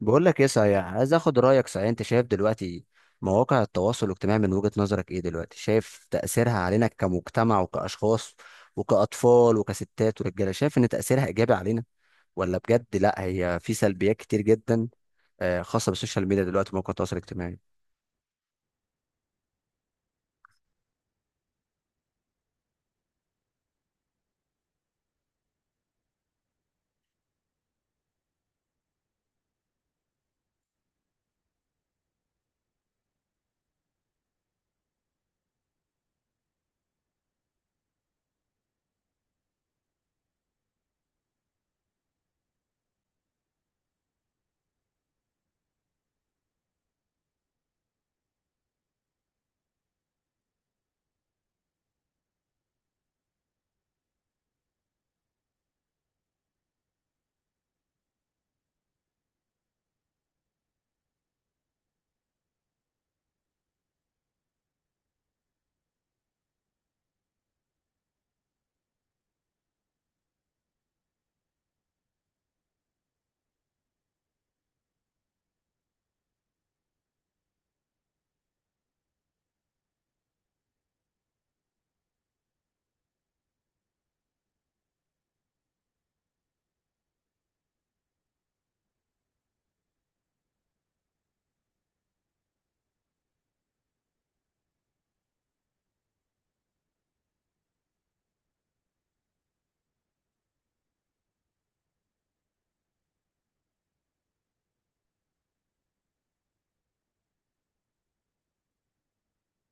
بقول لك ايه؟ صحيح عايز اخد رايك. صحيح انت شايف دلوقتي مواقع التواصل الاجتماعي من وجهة نظرك ايه؟ دلوقتي شايف تاثيرها علينا كمجتمع وكاشخاص وكاطفال وكستات ورجاله، شايف ان تاثيرها ايجابي علينا ولا بجد لا هي في سلبيات كتير جدا؟ خاصه بالسوشيال ميديا دلوقتي مواقع التواصل الاجتماعي.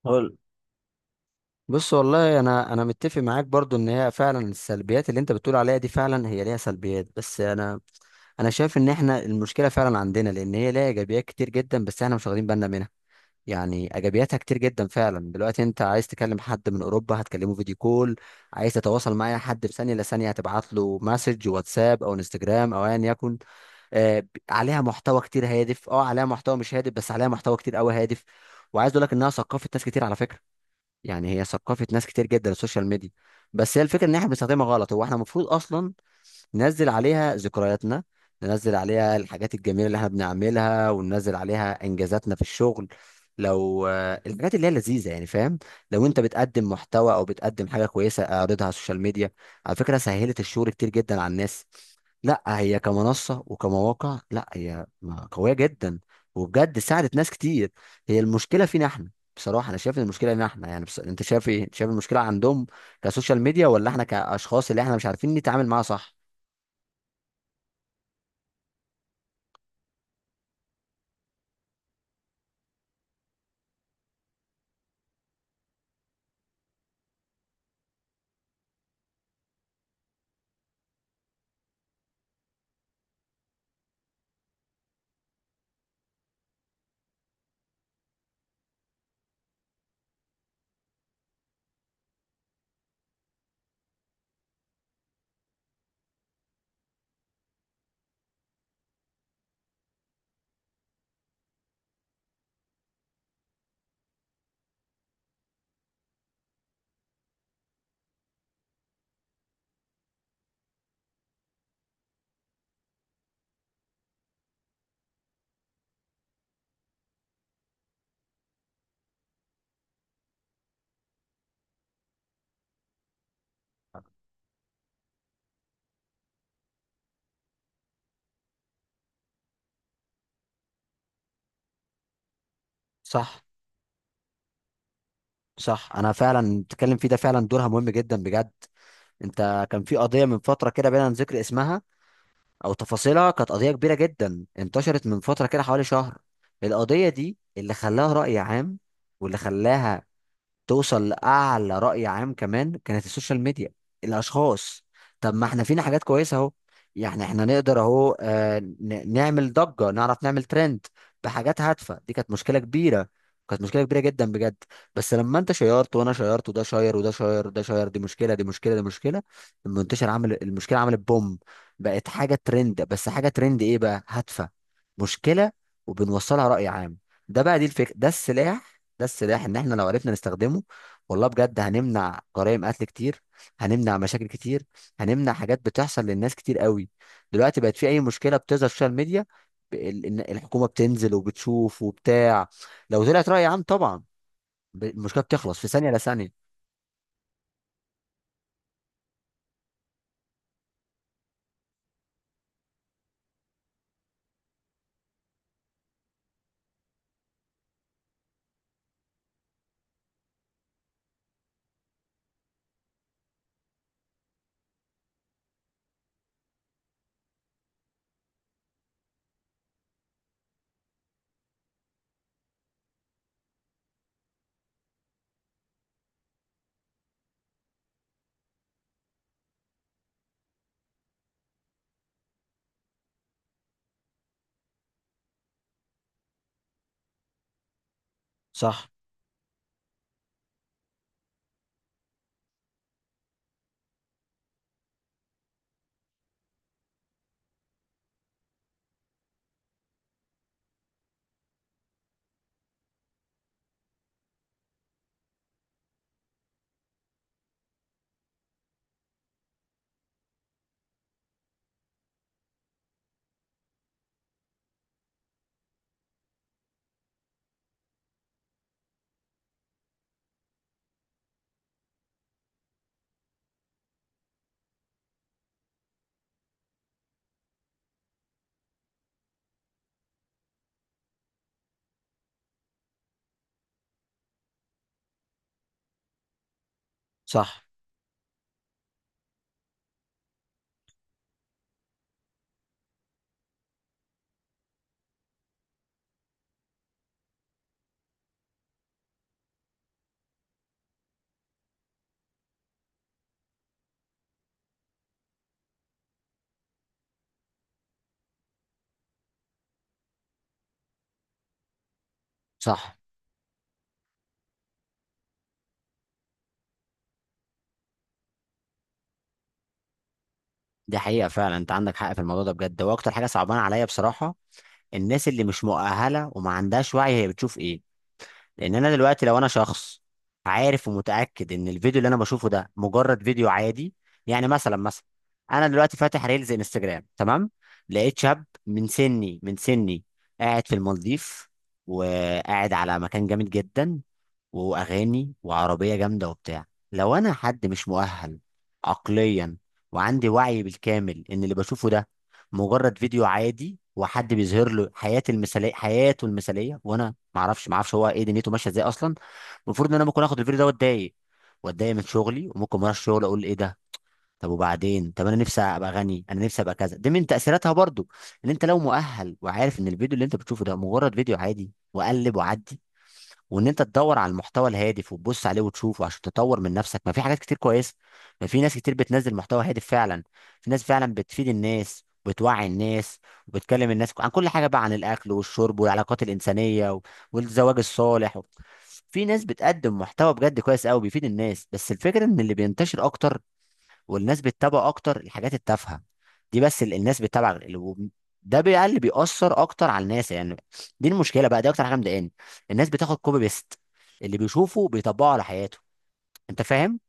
هقول بص، والله انا متفق معاك برضو ان هي فعلا السلبيات اللي انت بتقول عليها دي فعلا هي ليها سلبيات، بس انا شايف ان احنا المشكله فعلا عندنا، لان هي ليها ايجابيات كتير جدا بس احنا مش واخدين بالنا منها. يعني ايجابياتها كتير جدا فعلا. دلوقتي انت عايز تكلم حد من اوروبا هتكلمه فيديو كول. عايز تتواصل مع أي حد في ثانيه الا ثانيه هتبعت له مسج واتساب او انستجرام او ايا يكن. عليها محتوى كتير هادف، اه عليها محتوى مش هادف بس عليها محتوى كتير قوي هادف. وعايز اقول لك انها ثقافه ناس كتير على فكره. يعني هي ثقافه ناس كتير جدا السوشيال ميديا. بس هي الفكره ان احنا بنستخدمها غلط. هو احنا المفروض اصلا ننزل عليها ذكرياتنا، ننزل عليها الحاجات الجميلة اللي احنا بنعملها، وننزل عليها انجازاتنا في الشغل. لو الحاجات اللي هي لذيذة يعني فاهم. لو انت بتقدم محتوى او بتقدم حاجة كويسة اعرضها على السوشيال ميديا. على فكرة سهلت الشغل كتير جدا على الناس. لا هي كمنصة وكمواقع لا هي قوية جدا وبجد ساعدت ناس كتير. هي المشكلة فينا احنا بصراحة. أنا شايف إن المشكلة إن إحنا يعني بص، أنت شايف إيه؟ أنت شايف المشكلة عندهم كسوشيال ميديا ولا إحنا كأشخاص اللي إحنا مش عارفين نتعامل معاها صح؟ صح. صح، انا فعلا بتكلم فيه ده. فعلا دورها مهم جدا بجد. انت كان في قضيه من فتره كده بينا ذكر اسمها او تفاصيلها، كانت قضيه كبيره جدا انتشرت من فتره كده حوالي شهر. القضيه دي اللي خلاها راي عام واللي خلاها توصل لأعلى رأي عام كمان كانت السوشيال ميديا، الأشخاص. طب ما احنا فينا حاجات كويسة اهو. يعني احنا نقدر اهو، نعمل ضجة، نعرف نعمل ترند بحاجات هادفة. دي كانت مشكلة كبيرة، كانت مشكلة كبيرة جدا بجد، بس لما انت شيرت وانا شيرت وده شاير وده شاير وده شاير، دي مشكلة دي مشكلة دي مشكلة، المنتشر عمل المشكلة، عملت بوم، بقت حاجة ترند. بس حاجة ترند ايه بقى؟ هادفة، مشكلة، وبنوصلها رأي عام. ده بقى، دي الفكرة، ده السلاح. ده السلاح ان احنا لو عرفنا نستخدمه والله بجد هنمنع جرائم قتل كتير، هنمنع مشاكل كتير، هنمنع حاجات بتحصل للناس كتير قوي. دلوقتي بقت في اي مشكله بتظهر في السوشيال ميديا، إن الحكومه بتنزل وبتشوف وبتاع. لو طلعت راي عام طبعا، المشكله بتخلص في ثانيه لثانيه. صح. صح. صح، دي حقيقه فعلا، انت عندك حق في الموضوع ده بجد. واكتر حاجه صعبانه عليا بصراحه الناس اللي مش مؤهله وما عندهاش وعي هي بتشوف ايه. لان انا دلوقتي لو انا شخص عارف ومتاكد ان الفيديو اللي انا بشوفه ده مجرد فيديو عادي. يعني مثلا، مثلا انا دلوقتي فاتح ريلز انستجرام تمام، لقيت شاب من سني، من سني، قاعد في المالديف وقاعد على مكان جامد جدا، واغاني وعربيه جامده وبتاع. لو انا حد مش مؤهل عقليا وعندي وعي بالكامل ان اللي بشوفه ده مجرد فيديو عادي وحد بيظهر له حياه المثاليه، حياته المثاليه، وانا ما اعرفش هو ايه دنيته ماشيه ازاي اصلا، المفروض ان انا ممكن اخد الفيديو ده واتضايق من شغلي وممكن ما اروحش الشغل، اقول ايه ده؟ طب وبعدين، طب انا نفسي ابقى غني، انا نفسي ابقى كذا. دي من تاثيراتها برضو. ان انت لو مؤهل وعارف ان الفيديو اللي انت بتشوفه ده مجرد فيديو عادي وقلب وعدي، وان انت تدور على المحتوى الهادف وتبص عليه وتشوفه عشان تطور من نفسك، ما في حاجات كتير كويسه، ما في ناس كتير بتنزل محتوى هادف فعلا. في ناس فعلا بتفيد الناس وبتوعي الناس وبتكلم الناس عن كل حاجه بقى، عن الاكل والشرب والعلاقات الانسانيه والزواج الصالح. في ناس بتقدم محتوى بجد كويس قوي بيفيد الناس. بس الفكره ان اللي بينتشر اكتر والناس بتتابع اكتر الحاجات التافهه دي. بس الناس بتتابع ده بقى اللي بيأثر اكتر على الناس يعني. دي المشكله بقى، دي اكتر حاجه مضايقاني. الناس بتاخد كوبي بيست، اللي بيشوفه بيطبقه على حياته، انت فاهم.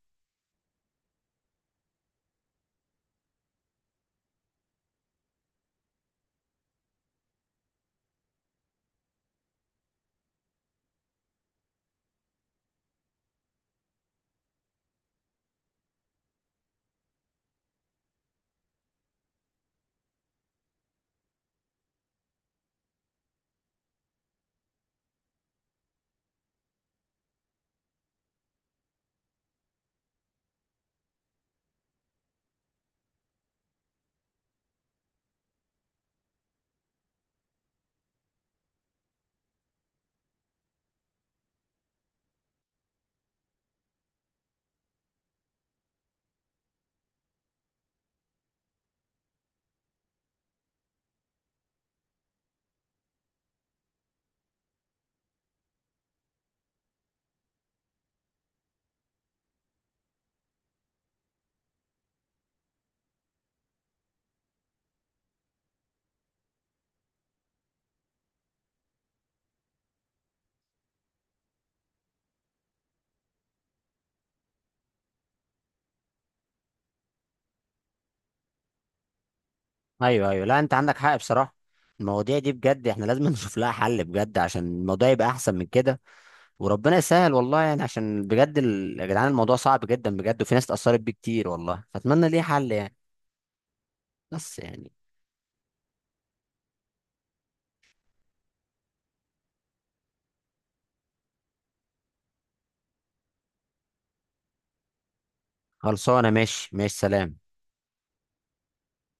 ايوه ايوه، لا انت عندك حق بصراحه. المواضيع دي بجد احنا لازم نشوف لها حل بجد عشان الموضوع يبقى احسن من كده. وربنا يسهل والله، يعني عشان بجد يا جدعان الموضوع صعب جدا بجد، وفي ناس اتأثرت بيه كتير والله، فاتمنى ليه حل يعني. بس يعني خلصانه، ماشي ماشي، سلام.